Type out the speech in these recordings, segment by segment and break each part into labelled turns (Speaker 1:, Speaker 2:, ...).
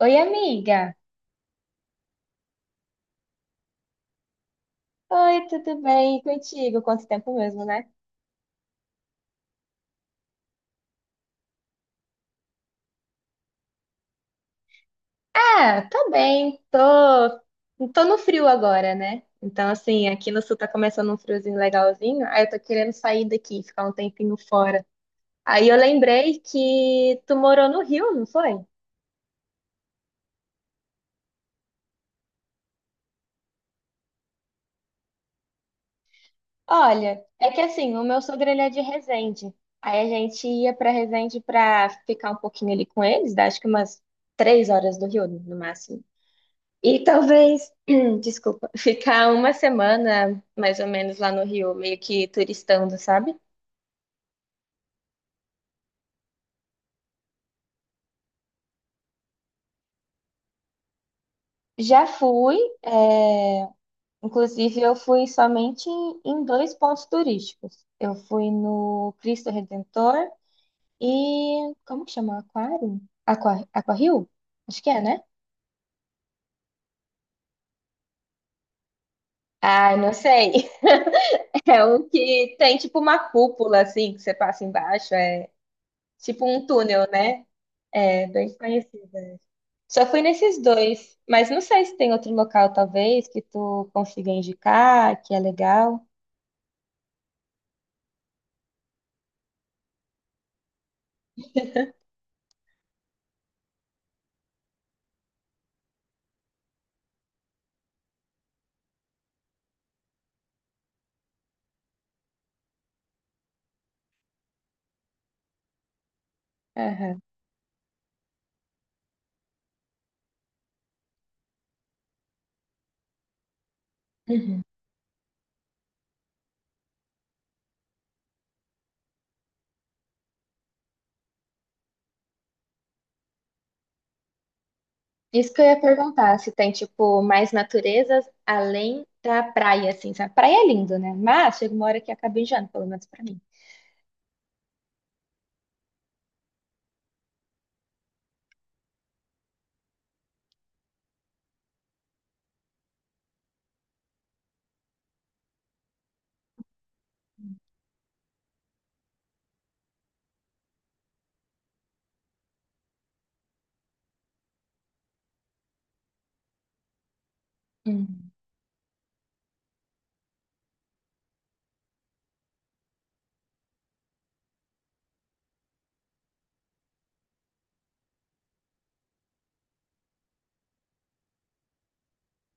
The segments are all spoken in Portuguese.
Speaker 1: Oi, amiga. Oi, tudo bem? E contigo? Quanto tempo mesmo, né? Ah, tá bem. Tô no frio agora, né? Então, assim, aqui no sul tá começando um friozinho legalzinho. Aí eu tô querendo sair daqui, ficar um tempinho fora. Aí eu lembrei que tu morou no Rio, não foi? Olha, é que assim, o meu sogro ele é de Resende. Aí a gente ia pra Resende pra ficar um pouquinho ali com eles, dá, acho que umas 3 horas do Rio, no máximo. E talvez, desculpa, ficar uma semana mais ou menos lá no Rio, meio que turistando, sabe? Já fui, é, inclusive eu fui somente em dois pontos turísticos. Eu fui no Cristo Redentor e como que chama? Aquário? Aquario? Acho que é, né? Ah, não sei. É o que tem tipo uma cúpula assim que você passa embaixo, é tipo um túnel, né? É bem conhecido. Só fui nesses dois, mas não sei se tem outro local, talvez, que tu consiga indicar, que é legal. Aham. Uhum. Isso que eu ia perguntar, se tem, tipo, mais naturezas além da praia, assim, sabe? Praia é lindo, né? Mas chega uma hora que acaba enjoando, pelo menos pra mim. Uhum.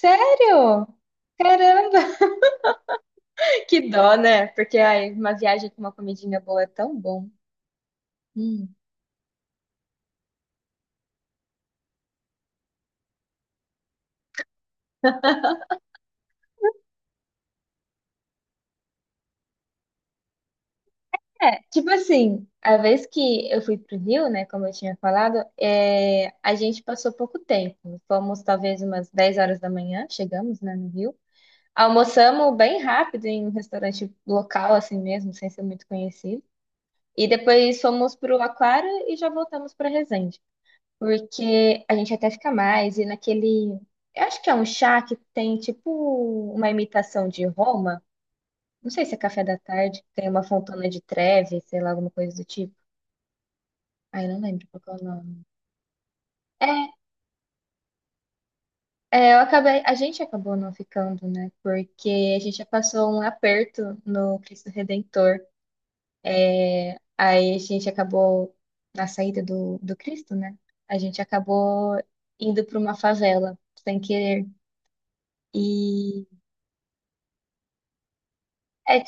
Speaker 1: Sério? Caramba! Que dó, né? Porque ai, uma viagem com uma comidinha boa é tão bom. É, tipo assim, a vez que eu fui pro Rio, né, como eu tinha falado, é, a gente passou pouco tempo. Fomos talvez umas 10 horas da manhã, chegamos, né, no Rio. Almoçamos bem rápido em um restaurante local, assim mesmo, sem ser muito conhecido. E depois fomos pro Aquário e já voltamos pra Resende. Porque a gente até fica mais, e naquele. Eu acho que é um chá que tem tipo uma imitação de Roma. Não sei se é café da tarde, tem uma fontana de treve, sei lá, alguma coisa do tipo. Ai, não lembro qual que é o nome. É, eu acabei, a gente acabou não ficando, né? Porque a gente já passou um aperto no Cristo Redentor. Aí a gente acabou, na saída do Cristo, né? A gente acabou indo para uma favela, sem querer. E. É,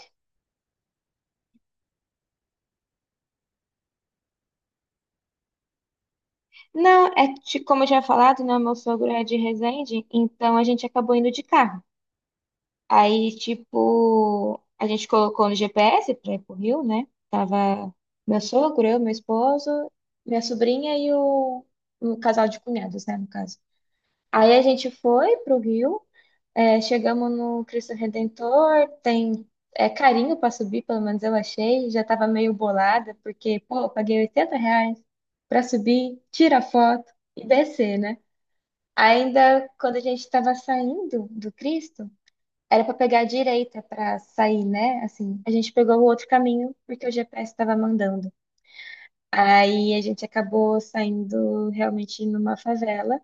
Speaker 1: não, é como eu já tinha falado, né? Meu sogro é de Resende, então a gente acabou indo de carro. Aí, tipo, a gente colocou no GPS pra ir pro Rio, né? Tava meu sogro, eu, meu esposo, minha sobrinha e o casal de cunhados, né, no caso. Aí a gente foi pro Rio, é, chegamos no Cristo Redentor, tem é, carinho pra subir, pelo menos eu achei. Já tava meio bolada, porque, pô, eu paguei R$ 80 pra subir, tirar foto e descer, né? Ainda quando a gente estava saindo do Cristo, era pra pegar a direita pra sair, né? Assim, a gente pegou o outro caminho porque o GPS estava mandando. Aí a gente acabou saindo realmente numa favela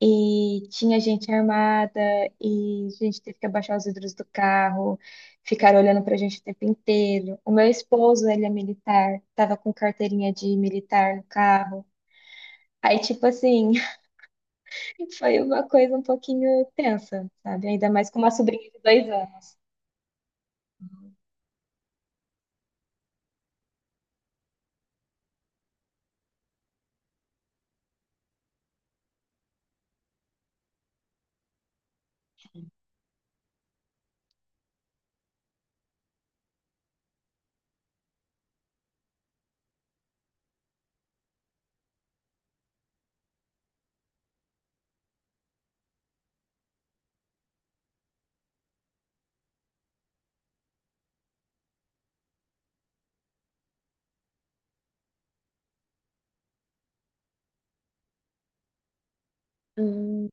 Speaker 1: e tinha gente armada e a gente teve que abaixar os vidros do carro, ficaram olhando pra gente o tempo inteiro. O meu esposo, ele é militar, tava com carteirinha de militar no carro. Aí, tipo assim, foi uma coisa um pouquinho tensa, sabe? Ainda mais com uma sobrinha de 2 anos.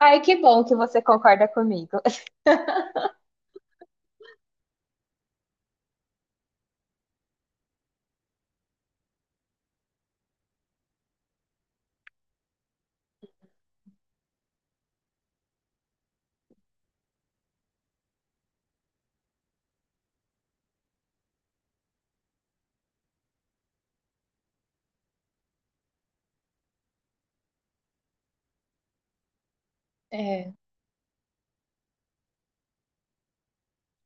Speaker 1: Ai, que bom que você concorda comigo. É,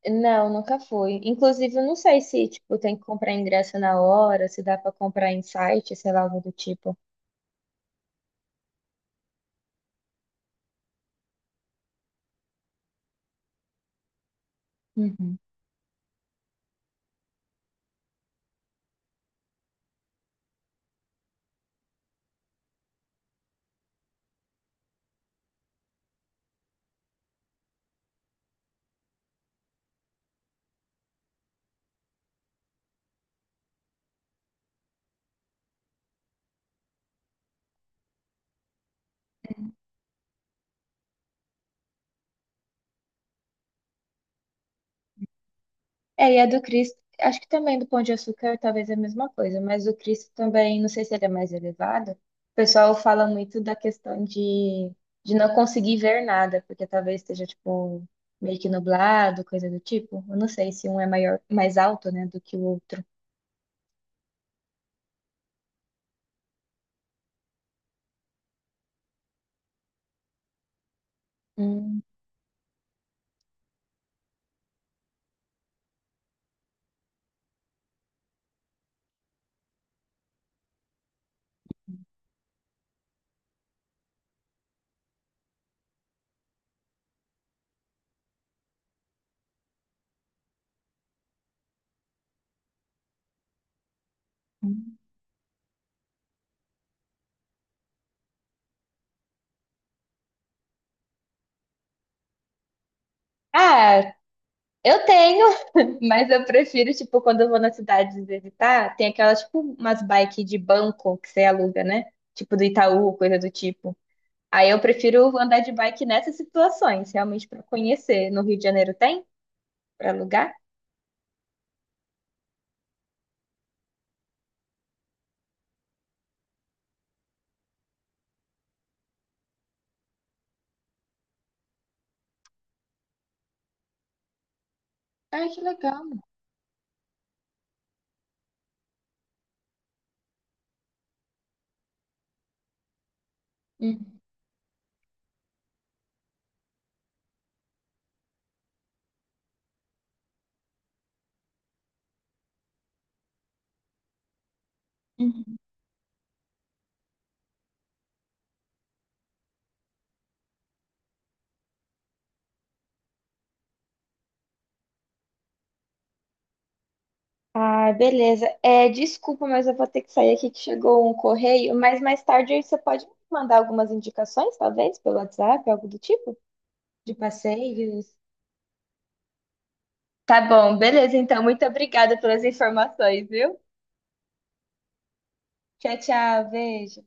Speaker 1: não, nunca fui. Inclusive, eu não sei se, tipo, tem que comprar ingresso na hora, se dá pra comprar em site, sei lá, algo do tipo. Uhum. É, e a do Cristo, acho que também do Pão de Açúcar talvez é a mesma coisa, mas o Cristo também, não sei se ele é mais elevado. O pessoal fala muito da questão de não conseguir ver nada, porque talvez esteja, tipo, meio que nublado, coisa do tipo. Eu não sei se um é maior, mais alto, né, do que o outro. Uhum. Ah, eu tenho, mas eu prefiro, tipo, quando eu vou na cidade visitar, tem aquelas, tipo, umas bikes de banco que você aluga, né? Tipo do Itaú, coisa do tipo. Aí eu prefiro andar de bike nessas situações, realmente pra conhecer. No Rio de Janeiro tem pra alugar? Ai, que legal. Uhum. Uhum. Ah, beleza. É, desculpa, mas eu vou ter que sair aqui que chegou um correio, mas mais tarde aí você pode me mandar algumas indicações, talvez, pelo WhatsApp, algo do tipo, de passeios. Tá bom, beleza, então. Muito obrigada pelas informações, viu? Tchau, tchau, beijo.